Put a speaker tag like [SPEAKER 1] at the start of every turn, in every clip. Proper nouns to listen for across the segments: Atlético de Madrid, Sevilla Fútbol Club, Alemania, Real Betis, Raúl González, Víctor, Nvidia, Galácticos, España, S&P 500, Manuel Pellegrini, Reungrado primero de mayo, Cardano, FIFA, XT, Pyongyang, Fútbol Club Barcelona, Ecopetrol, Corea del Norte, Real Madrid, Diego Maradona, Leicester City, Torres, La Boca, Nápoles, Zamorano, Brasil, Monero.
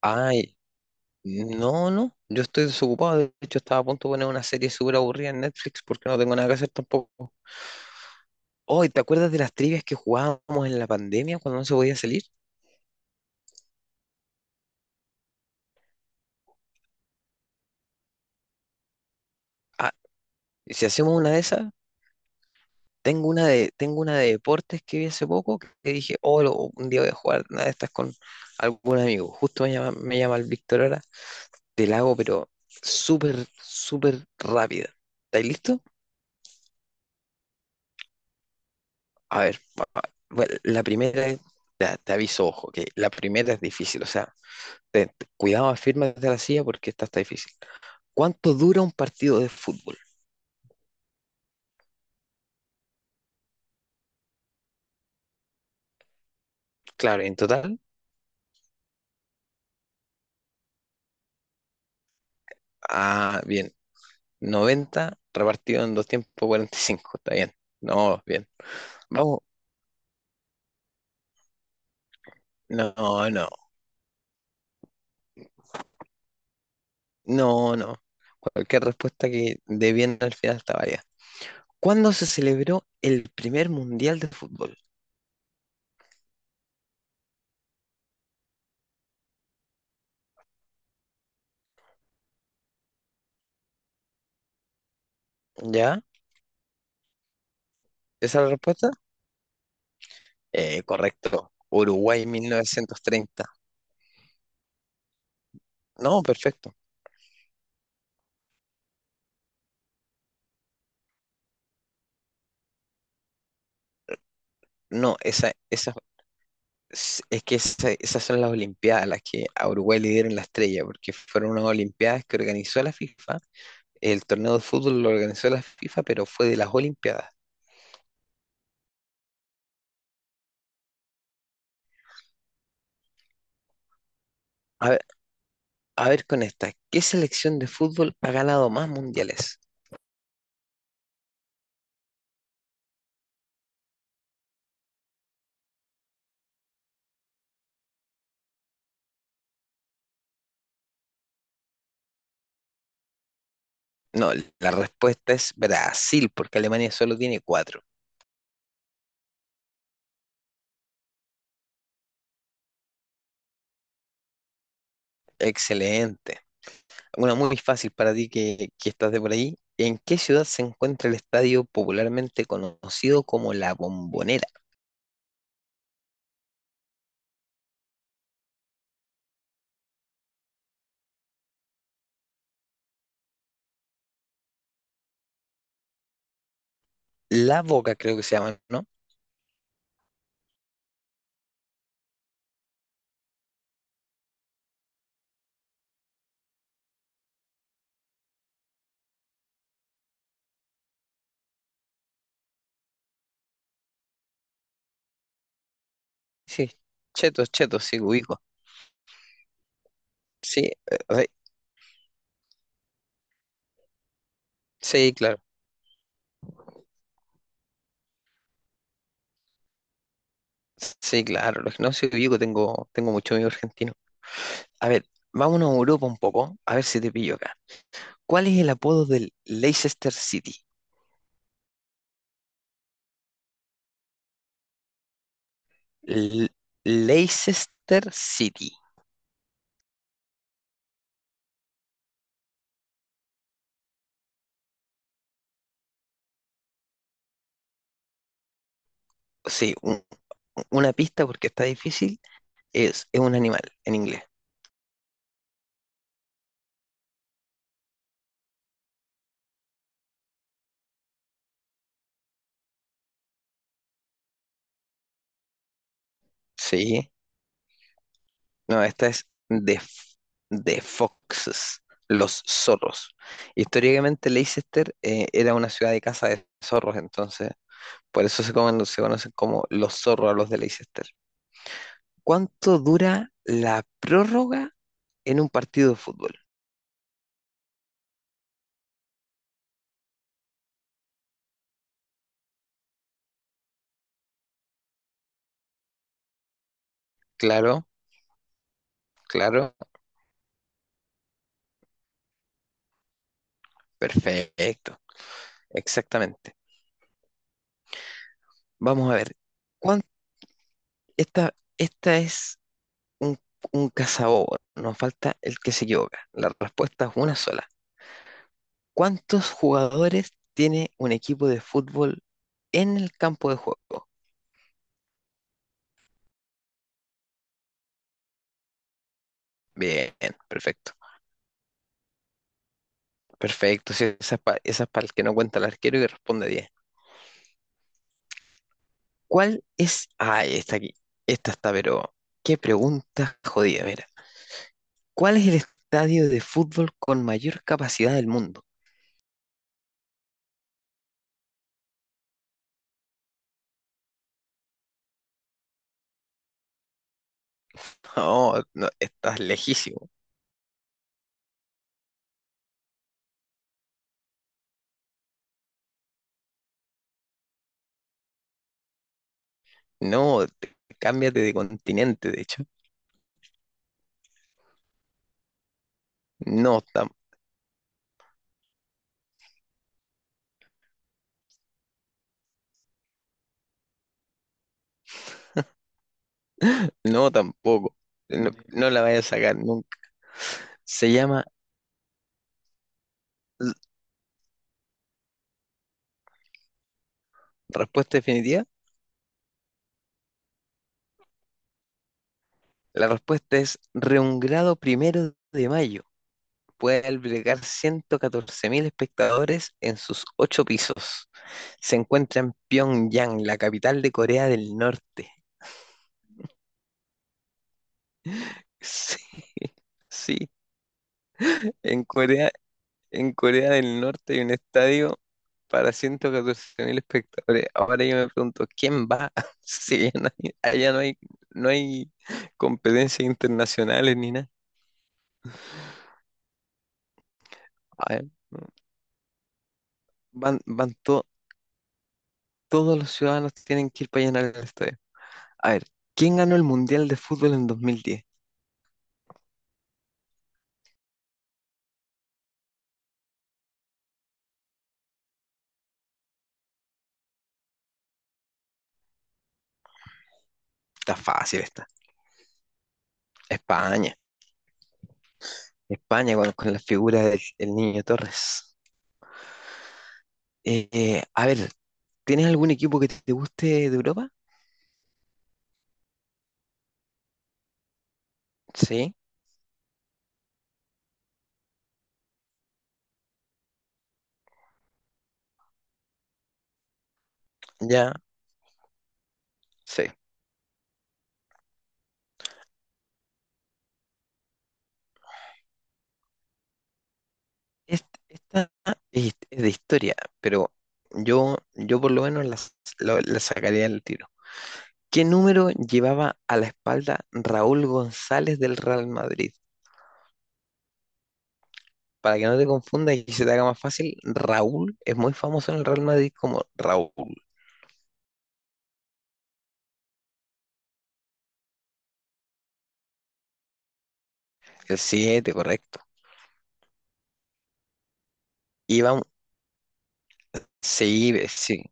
[SPEAKER 1] Ay, no, no, yo estoy desocupado. De hecho, estaba a punto de poner una serie súper aburrida en Netflix porque no tengo nada que hacer tampoco. Hoy, ¿te acuerdas de las trivias que jugábamos en la pandemia cuando no se podía salir? Ah, si hacemos una de esas, tengo una de deportes que vi hace poco que dije, oh, un día voy a jugar una de estas con algún amigo. Justo me llama el Víctor ahora. Te la hago, pero súper rápida. ¿Estáis listo? A ver, bueno, la primera es, ya, te aviso, ojo, que la primera es difícil, o sea. Cuidado, afírmate de la silla porque esta está difícil. ¿Cuánto dura un partido de fútbol? Claro, en total, ah, bien, 90 repartido en dos tiempos 45, está bien. No, bien. Vamos, no, no, no, no. Cualquier respuesta que dé bien al final está válida. ¿Cuándo se celebró el primer mundial de fútbol? ¿Ya? ¿Esa es la respuesta? Correcto. Uruguay 1930. No, perfecto. No, esa. Es que esas son las Olimpiadas, las que a Uruguay le dieron la estrella, porque fueron unas Olimpiadas que organizó la FIFA. El torneo de fútbol lo organizó la FIFA, pero fue de las Olimpiadas. A ver, a ver con esta, ¿qué selección de fútbol ha ganado más mundiales? No, la respuesta es Brasil, porque Alemania solo tiene cuatro. Excelente. Una muy fácil para ti que estás de por ahí. ¿En qué ciudad se encuentra el estadio popularmente conocido como La Bombonera? La Boca creo que se llama, ¿no? Sí, chetos, chetos, sí, ubico. Sí, o sea, sí, claro. Sí, claro, los que no sí ubico, tengo mucho amigo argentino. A ver, vámonos a Europa un poco, a ver si te pillo acá. ¿Cuál es el apodo del Leicester City? L- Leicester City. Sí, un- una pista porque está difícil, es un animal en inglés. Sí. No, esta es de Foxes, los zorros. Históricamente Leicester era una ciudad de caza de zorros, entonces por eso se conocen como los zorros a los de Leicester. ¿Cuánto dura la prórroga en un partido de fútbol? Claro, claro, perfecto, exactamente. Vamos a ver, ¿cuán- esta es un, un cazador, nos falta el que se equivoca. La respuesta es una sola. ¿Cuántos jugadores tiene un equipo de fútbol en el campo de juego? Bien, perfecto. Perfecto, sí, esa es para el que no cuenta el arquero y responde 10. ¿Cuál es? Ah, está aquí. Esta está, pero qué pregunta jodida, mira. ¿Cuál es el estadio de fútbol con mayor capacidad del mundo? No, no, estás lejísimo. No, cámbiate de continente, de hecho. No, tam- no tampoco. No, no la vayas a sacar nunca. Se llama Respuesta definitiva. La respuesta es Reungrado primero de mayo. Puede albergar 114.000 espectadores en sus ocho pisos. Se encuentra en Pyongyang, la capital de Corea del Norte. Sí, sí. En Corea, en Corea del Norte hay un estadio para 114.000 espectadores. Ahora yo me pregunto, ¿quién va? Si allá no hay, no hay competencias internacionales ni nada. A ver, van todos. Todos los ciudadanos tienen que ir para llenar el estadio. A ver, ¿quién ganó el Mundial de Fútbol en 2010? Está fácil esta. España. España con la figura del el Niño Torres. A ver, ¿tienes algún equipo que te guste de Europa? Sí, ya, sí. Esta es de historia, pero yo por lo menos la sacaría del tiro. ¿Qué número llevaba a la espalda Raúl González del Real Madrid? Para que no te confundas y se te haga más fácil, Raúl es muy famoso en el Real Madrid como Raúl, el siete correcto. Iban, sí, sí,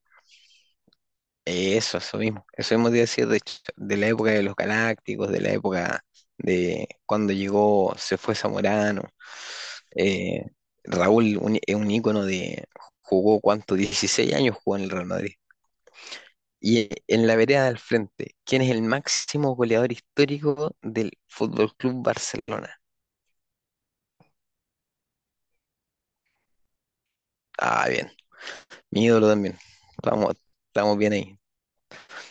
[SPEAKER 1] eso mismo. Eso mismo te iba a decir, de hecho, de la época de los Galácticos, de la época de cuando llegó, se fue Zamorano. Eh, es un ícono de, jugó cuánto, 16 años jugó en el Real Madrid. Y en la vereda del frente, ¿quién es el máximo goleador histórico del Fútbol Club Barcelona? Ah, bien, mi ídolo también. Estamos, estamos bien ahí.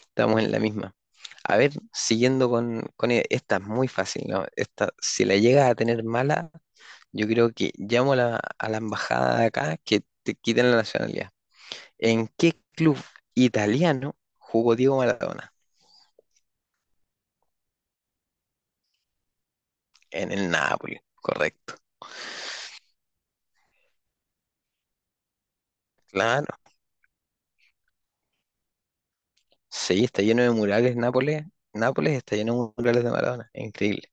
[SPEAKER 1] Estamos en la misma. A ver, siguiendo con e- esta es muy fácil, ¿no? Esta, si la llegas a tener mala, yo creo que llamo a a la embajada de acá que te quiten la nacionalidad. ¿En qué club italiano jugó Diego Maradona? En el Nápoles, correcto. Claro. Sí, está lleno de murales Nápoles. Nápoles está lleno de murales de Maradona. Increíble.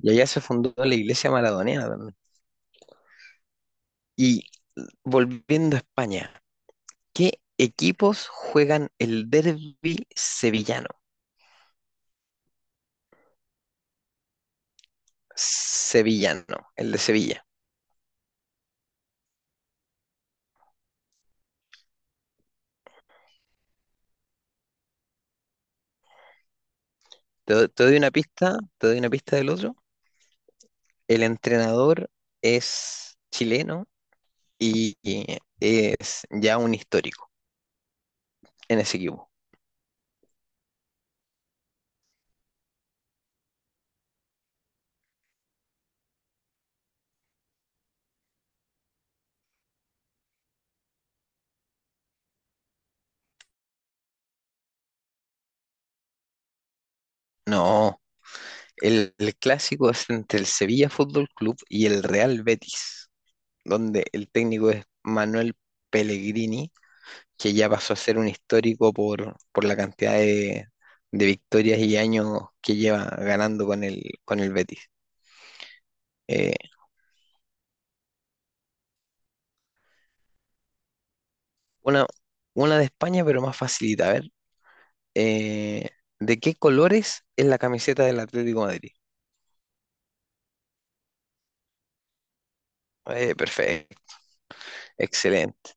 [SPEAKER 1] Y allá se fundó la iglesia maradoniana también. Y volviendo a España. ¿Qué equipos juegan el derbi sevillano? Sevillano, el de Sevilla. Te doy una pista, te doy una pista del otro. El entrenador es chileno y es ya un histórico en ese equipo. No, el clásico es entre el Sevilla Fútbol Club y el Real Betis, donde el técnico es Manuel Pellegrini que ya pasó a ser un histórico por la cantidad de victorias y años que lleva ganando con con el Betis. Eh, una, una de España, pero más facilita. A ver, eh, ¿de qué colores es la camiseta del Atlético de Madrid? Perfecto, excelente,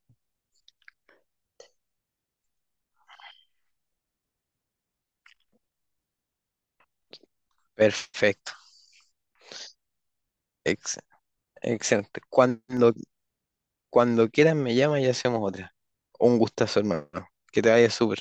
[SPEAKER 1] perfecto, ex- excelente. Cuando quieran me llaman y hacemos otra. Un gustazo, hermano. Que te vaya súper.